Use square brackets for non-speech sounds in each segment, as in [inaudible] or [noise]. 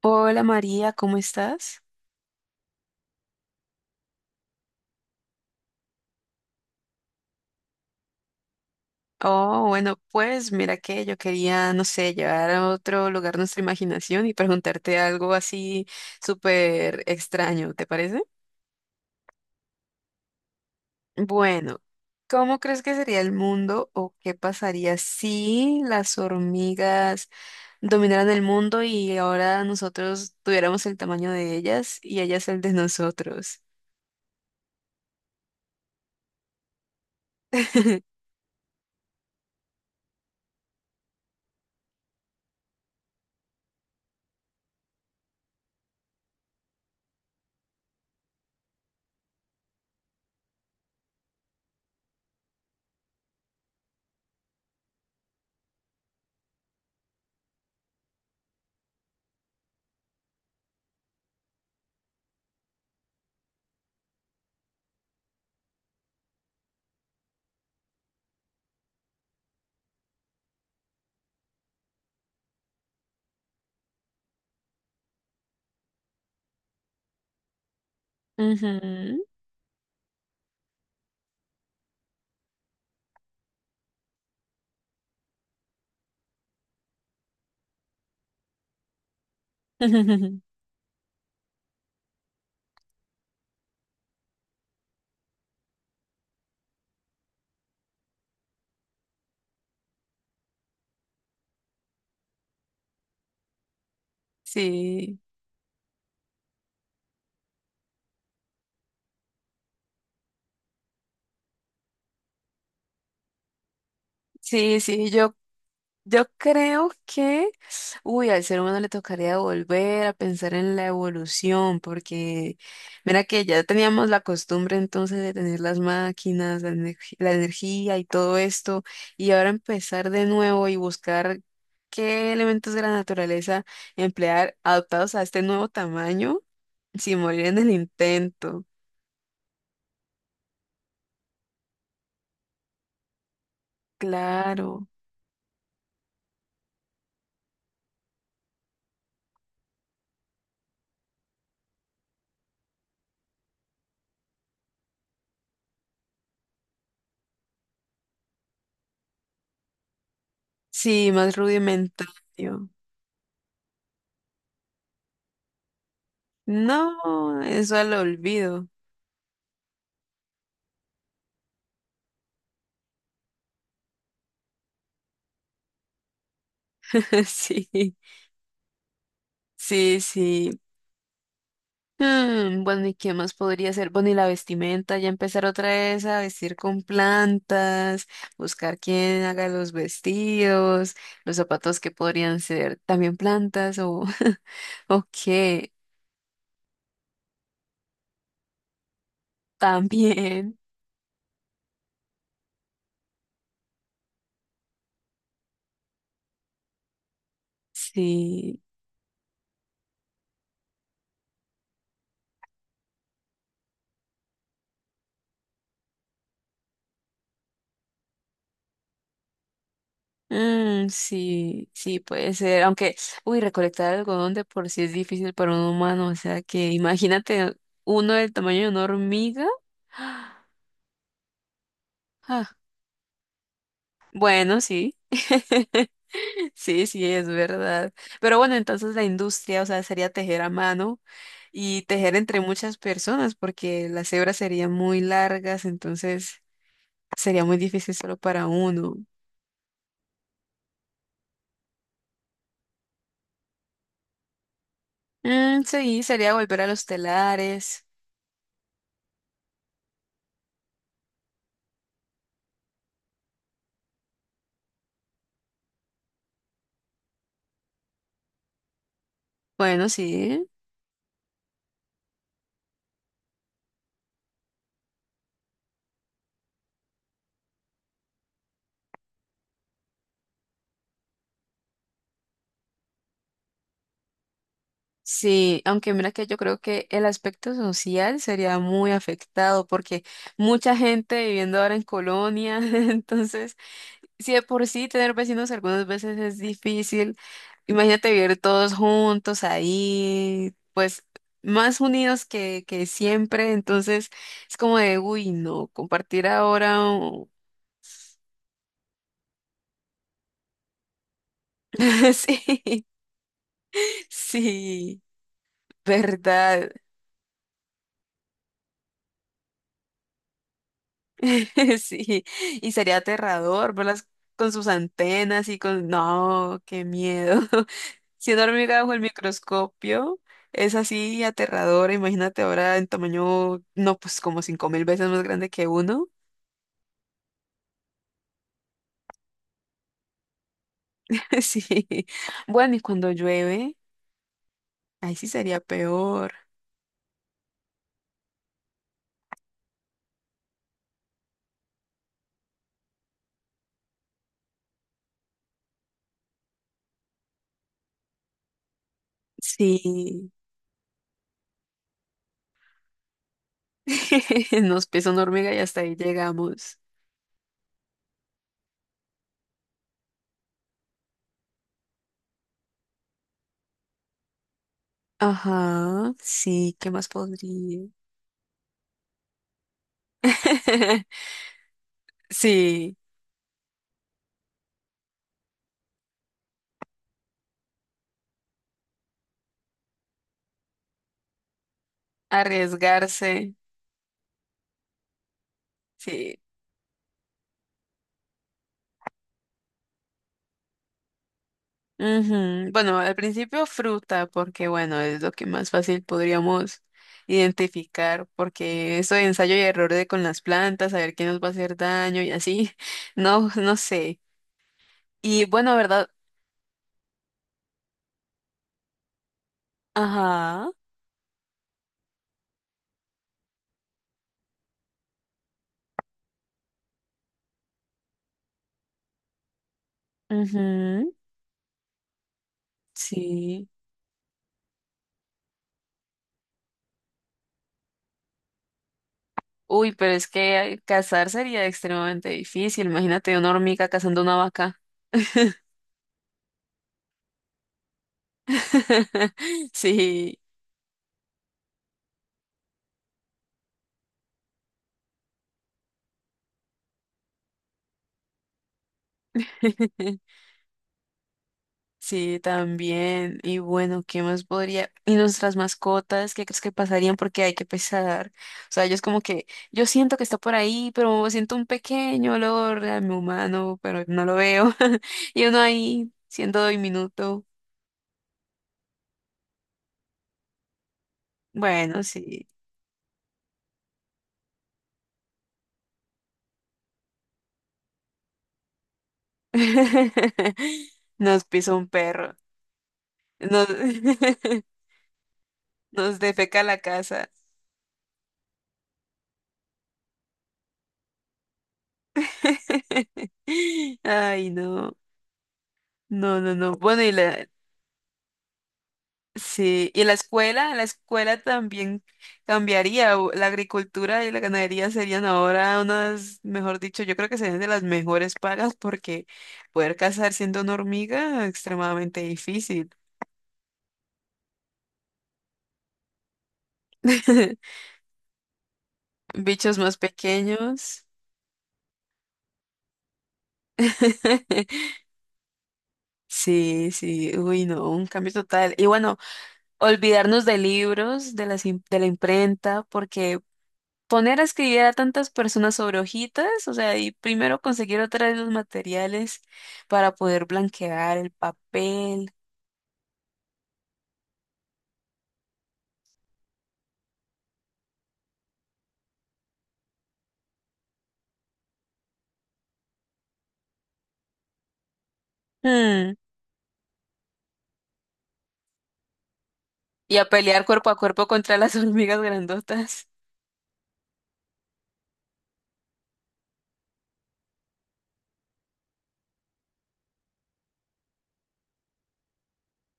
Hola María, ¿cómo estás? Oh, bueno, pues mira que yo quería, no sé, llevar a otro lugar nuestra imaginación y preguntarte algo así súper extraño, ¿te parece? Bueno, ¿cómo crees que sería el mundo o qué pasaría si las hormigas dominaran el mundo y ahora nosotros tuviéramos el tamaño de ellas y ellas el de nosotros? [laughs] Ujú. [laughs] Sí, sí, sí. Yo creo que, uy, al ser humano le tocaría volver a pensar en la evolución, porque mira que ya teníamos la costumbre entonces de tener las máquinas, la energía y todo esto, y ahora empezar de nuevo y buscar qué elementos de la naturaleza emplear adaptados a este nuevo tamaño sin morir en el intento. Claro, sí, más rudimentario. No, eso al olvido. [laughs] Sí. Sí, sí. Mm, bueno, ¿y qué más podría ser? Bueno, y la vestimenta, ya empezar otra vez a vestir con plantas, buscar quién haga los vestidos, los zapatos que podrían ser también plantas o, [laughs] o qué, también, sí. Mm, sí, sí, puede ser, aunque, uy, recolectar algodón de por sí es difícil para un humano, o sea que imagínate uno del tamaño de una hormiga. [gasps] Bueno, sí. [laughs] Sí, sí, es verdad. Pero bueno, entonces la industria, o sea, sería tejer a mano y tejer entre muchas personas, porque las hebras serían muy largas, entonces sería muy difícil solo para uno. Mm, sí, sería volver a los telares. Bueno, sí. Sí, aunque mira que yo creo que el aspecto social sería muy afectado porque mucha gente viviendo ahora en colonia, [laughs] entonces si de por sí tener vecinos algunas veces es difícil, imagínate vivir todos juntos ahí, pues más unidos que siempre, entonces es como de, uy, no, compartir ahora, oh. [laughs] Sí, sí, verdad, [laughs] sí, y sería aterrador verlas con sus antenas y con, no, qué miedo. Si una hormiga bajo el microscopio es así aterradora, imagínate ahora en tamaño, no, pues como 5,000 veces más grande que uno. [laughs] Sí. Bueno, y cuando llueve, ahí sí sería peor. Sí. [laughs] Nos pisa una hormiga y hasta ahí llegamos. Ajá, sí, ¿qué más podría? [laughs] Sí, arriesgarse. Sí, ujú. Bueno, al principio fruta, porque bueno, es lo que más fácil podríamos identificar, porque eso de ensayo y error de con las plantas, saber qué nos va a hacer daño y así, [laughs] no, no sé. Y bueno, ¿verdad? Ajá, ujú, sí. Uy, pero es que cazar sería extremadamente difícil. Imagínate una hormiga cazando una vaca. [laughs] Sí. [laughs] Sí, también. Y bueno, ¿qué más podría? Y nuestras mascotas, ¿qué crees que pasarían? Porque hay que pesar. O sea, ellos como que, yo siento que está por ahí, pero siento un pequeño olor a mi humano, pero no lo veo. [laughs] Y uno ahí, siendo diminuto. Bueno, sí. [laughs] Nos pisa un perro. Nos, [laughs] nos defeca la casa. [laughs] Ay, no. No, no, no. Bueno, y la, sí, y la escuela, en la escuela también cambiaría. La agricultura y la ganadería serían ahora unas, mejor dicho, yo creo que serían de las mejores pagas porque poder cazar siendo una hormiga es extremadamente difícil. [laughs] Bichos más pequeños. [laughs] Sí, sí, uy, no, un cambio total. Y bueno, olvidarnos de libros, de la imprenta, porque poner a escribir a tantas personas sobre hojitas, o sea, y primero conseguir otra vez los materiales para poder blanquear el papel. Hmm, y a pelear cuerpo a cuerpo contra las [laughs] hormigas grandotas.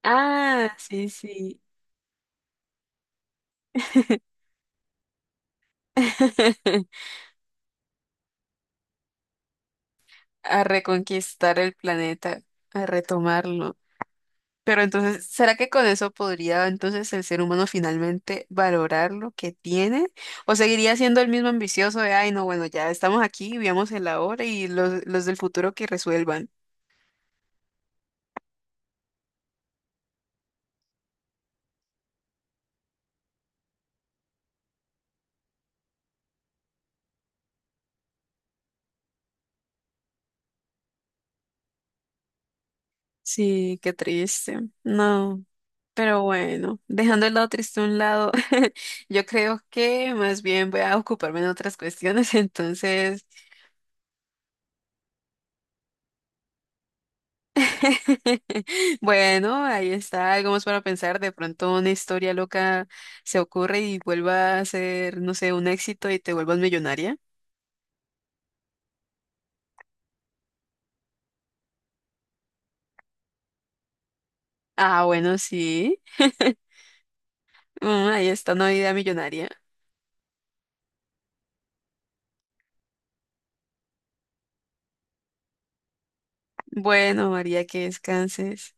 Ah, sí, sí. [laughs] A reconquistar el planeta, a retomarlo. Pero entonces, ¿será que con eso podría entonces el ser humano finalmente valorar lo que tiene? ¿O seguiría siendo el mismo ambicioso de, ay, no, bueno, ya estamos aquí, vivamos el ahora y los del futuro que resuelvan? Sí, qué triste. No, pero bueno, dejando el lado triste a un lado, [laughs] yo creo que más bien voy a ocuparme en otras cuestiones, [laughs] entonces [laughs] bueno, ahí está, algo más para pensar. De pronto una historia loca se ocurre y vuelva a ser, no sé, un éxito y te vuelvas millonaria. Ah, bueno, sí. Mm, ahí está una idea millonaria. Bueno, María, que descanses.